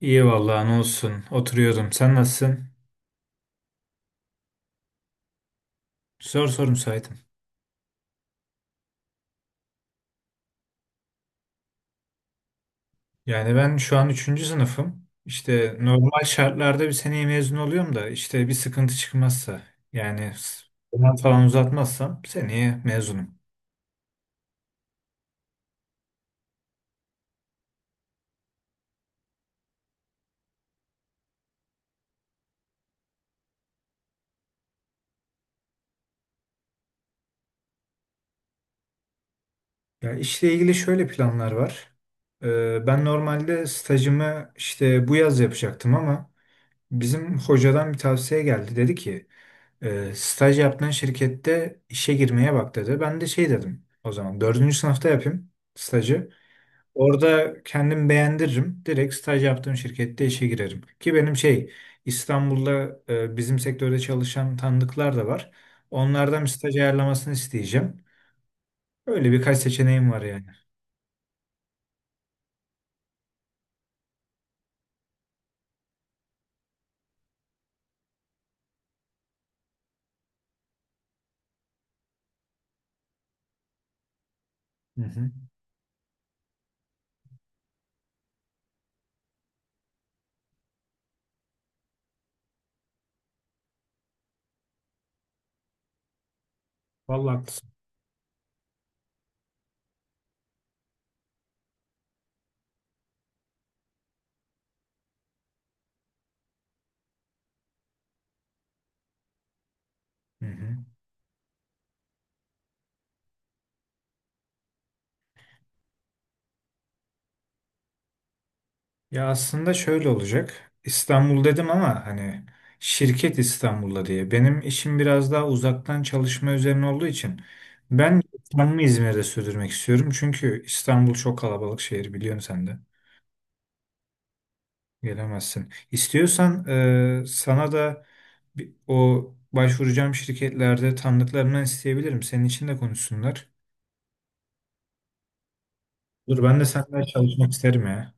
İyi vallahi ne olsun. Oturuyordum. Sen nasılsın? Zor soru müsaitim. Yani ben şu an üçüncü sınıfım. İşte normal şartlarda bir seneye mezun oluyorum da işte bir sıkıntı çıkmazsa yani zaman falan uzatmazsam seneye mezunum. Ya işle ilgili şöyle planlar var. Ben normalde stajımı işte bu yaz yapacaktım ama bizim hocadan bir tavsiye geldi. Dedi ki staj yaptığın şirkette işe girmeye bak dedi. Ben de şey dedim o zaman dördüncü sınıfta yapayım stajı. Orada kendim beğendiririm. Direkt staj yaptığım şirkette işe girerim. Ki benim şey İstanbul'da bizim sektörde çalışan tanıdıklar da var. Onlardan bir staj ayarlamasını isteyeceğim. Öyle birkaç seçeneğim var yani. Hı hı. Vallahi haklısın. Hı hı. Ya aslında şöyle olacak. İstanbul dedim ama hani şirket İstanbul'da diye. Benim işim biraz daha uzaktan çalışma üzerine olduğu için ben yaşamımı İzmir'de sürdürmek istiyorum. Çünkü İstanbul çok kalabalık şehir biliyorsun sen de. Gelemezsin. İstiyorsan sana da o başvuracağım şirketlerde tanıdıklarımdan isteyebilirim. Senin için de konuşsunlar. Dur ben de senden çalışmak isterim ya.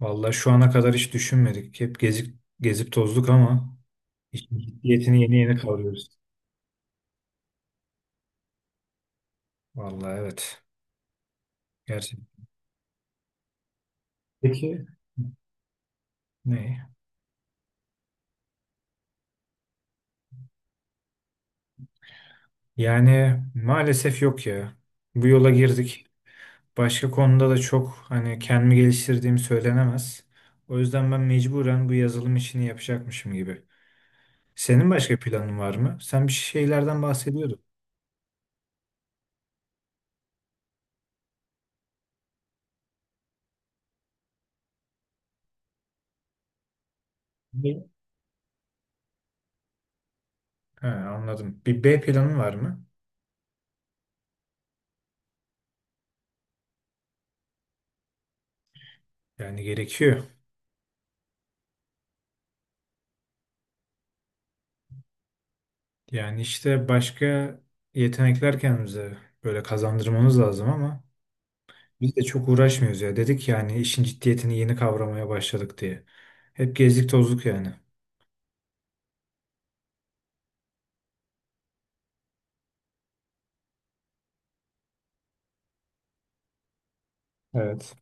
Vallahi şu ana kadar hiç düşünmedik. Hep gezip gezip tozduk ama. İşin ciddiyetini yeni yeni kavruyoruz. Vallahi evet. Gerçekten. Peki ne? Yani maalesef yok ya. Bu yola girdik. Başka konuda da çok hani kendimi geliştirdiğim söylenemez. O yüzden ben mecburen bu yazılım işini yapacakmışım gibi. Senin başka planın var mı? Sen bir şeylerden bahsediyordun. Ne? He, anladım. Bir B planın var mı? Yani gerekiyor. Yani işte başka yetenekler kendimize böyle kazandırmamız lazım ama biz de çok uğraşmıyoruz ya. Dedik yani işin ciddiyetini yeni kavramaya başladık diye. Hep gezdik tozduk yani. Evet.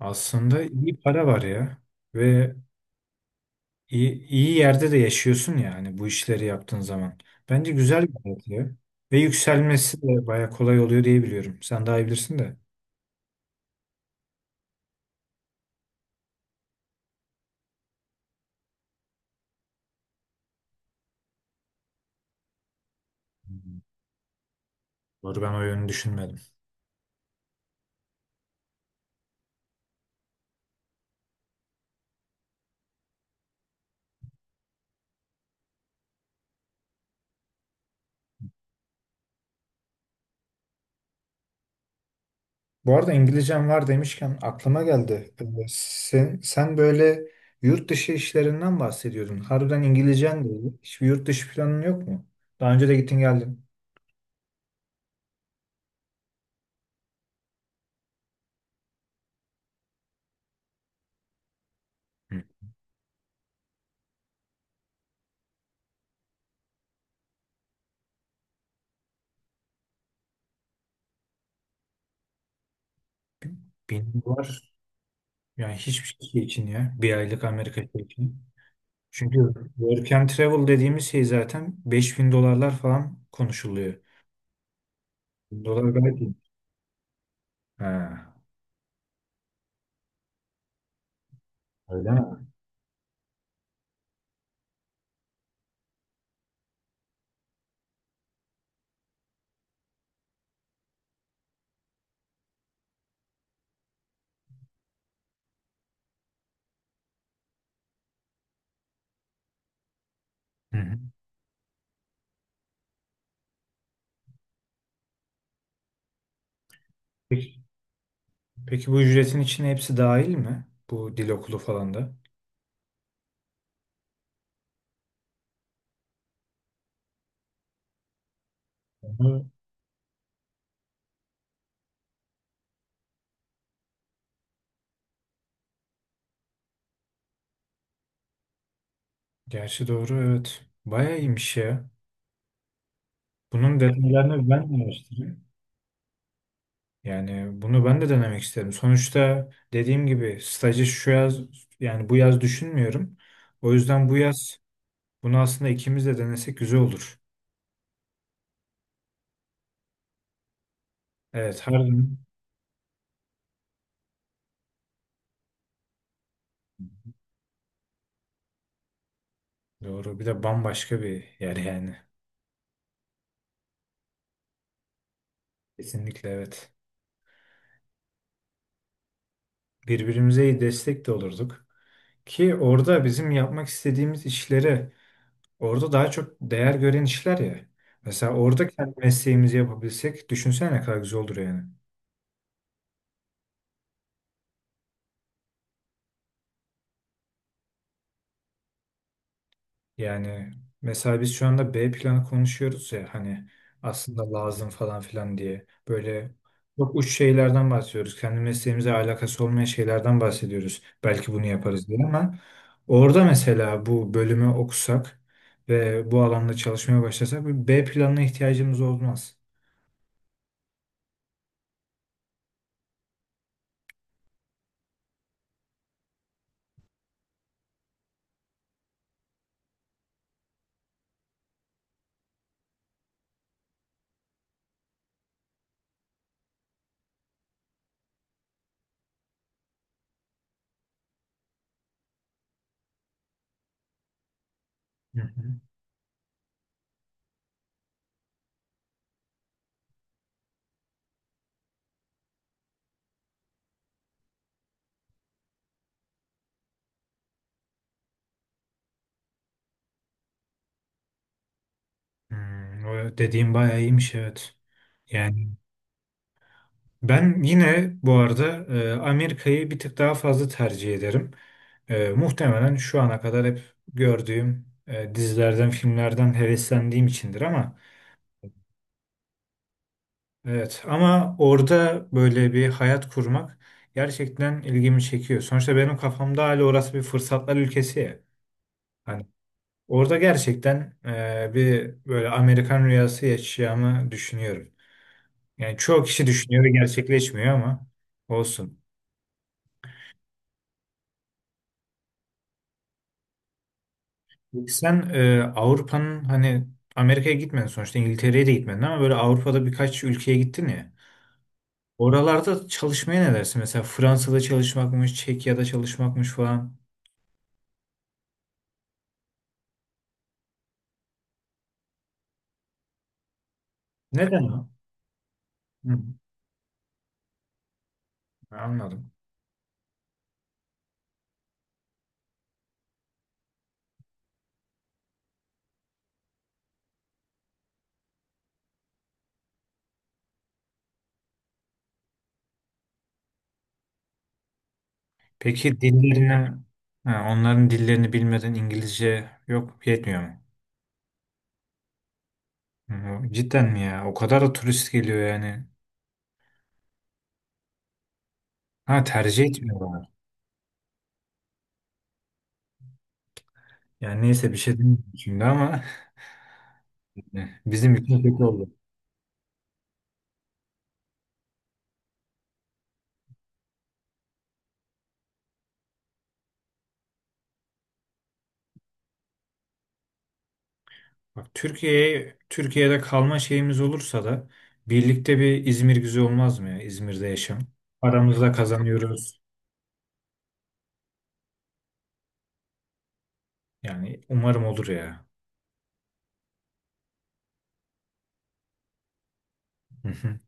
Aslında iyi para var ya ve iyi, iyi yerde de yaşıyorsun yani bu işleri yaptığın zaman. Bence güzel bir hayat ya. Ve yükselmesi de baya kolay oluyor diye biliyorum. Sen daha iyi bilirsin de. Hı hı. Doğru ben o yönü düşünmedim. Bu arada İngilizcem var demişken aklıma geldi. Sen böyle yurt dışı işlerinden bahsediyordun. Harbiden İngilizcen değil iyi. Hiçbir yurt dışı planın yok mu? Daha önce de gittin geldin. Hı. Benim var. Yani hiçbir şey için ya. Bir aylık Amerika şey için. Çünkü work and travel dediğimiz şey zaten 5.000 dolarlar falan konuşuluyor. 1.000 dolar gayet iyi. Ha, öyle mi? Hı hı. Peki, peki bu ücretin içine hepsi dahil mi? Bu dil okulu falan da. Gerçi doğru evet. Bayağı iyiymiş ya. Bunun detaylarını ben de araştırayım. Yani bunu ben de denemek isterim. Sonuçta dediğim gibi stajı şu yaz yani bu yaz düşünmüyorum. O yüzden bu yaz bunu aslında ikimiz de denesek güzel olur. Evet harbiden doğru. Bir de bambaşka bir yer yani. Kesinlikle evet. Birbirimize iyi destek de olurduk. Ki orada bizim yapmak istediğimiz işlere. Orada daha çok değer gören işler ya. Mesela orada kendi mesleğimizi yapabilsek düşünsene ne kadar güzel olur yani. Yani mesela biz şu anda B planı konuşuyoruz ya hani aslında lazım falan filan diye. Böyle çok uç şeylerden bahsediyoruz. Kendi mesleğimize alakası olmayan şeylerden bahsediyoruz. Belki bunu yaparız diye ama orada mesela bu bölümü okusak ve bu alanda çalışmaya başlasak bir B planına ihtiyacımız olmaz. Hı hı. O dediğim bayağı iyiymiş evet. Yani ben yine bu arada Amerika'yı bir tık daha fazla tercih ederim. Muhtemelen şu ana kadar hep gördüğüm dizilerden, filmlerden heveslendiğim içindir ama evet, ama orada böyle bir hayat kurmak gerçekten ilgimi çekiyor. Sonuçta benim kafamda hala orası bir fırsatlar ülkesi ya. Hani orada gerçekten bir böyle Amerikan rüyası yaşayacağımı düşünüyorum. Yani çoğu kişi düşünüyor ve gerçekleşmiyor ama olsun. Sen Avrupa'nın hani Amerika'ya gitmedin sonuçta İngiltere'ye de gitmedin ama böyle Avrupa'da birkaç ülkeye gittin ya. Oralarda çalışmaya ne dersin? Mesela Fransa'da çalışmakmış, Çekya'da çalışmakmış falan. Neden o? Hı, anladım. Peki dillerinden, ha, onların dillerini bilmeden İngilizce yok yetmiyor mu? Hı, cidden mi ya? O kadar da turist geliyor yani. Ha, tercih etmiyorlar. Yani neyse bir şey demeyeyim şimdi ama bizim için kötü oldu. Bak Türkiye'de kalma şeyimiz olursa da birlikte bir İzmir güzel olmaz mı ya? İzmir'de yaşam. Paramızla kazanıyoruz. Yani umarım olur ya. Hı hı.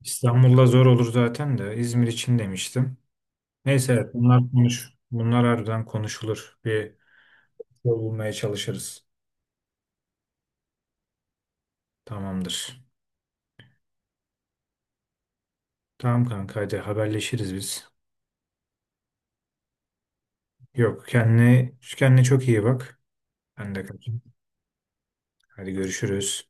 İstanbul'da zor olur zaten de İzmir için demiştim. Neyse evet, bunlar konuş. Bunlar harbiden konuşulur. Bir yol bulmaya çalışırız. Tamamdır. Tamam kanka hadi haberleşiriz biz. Yok kendine, kendine çok iyi bak. Ben de kaçayım. Hadi görüşürüz.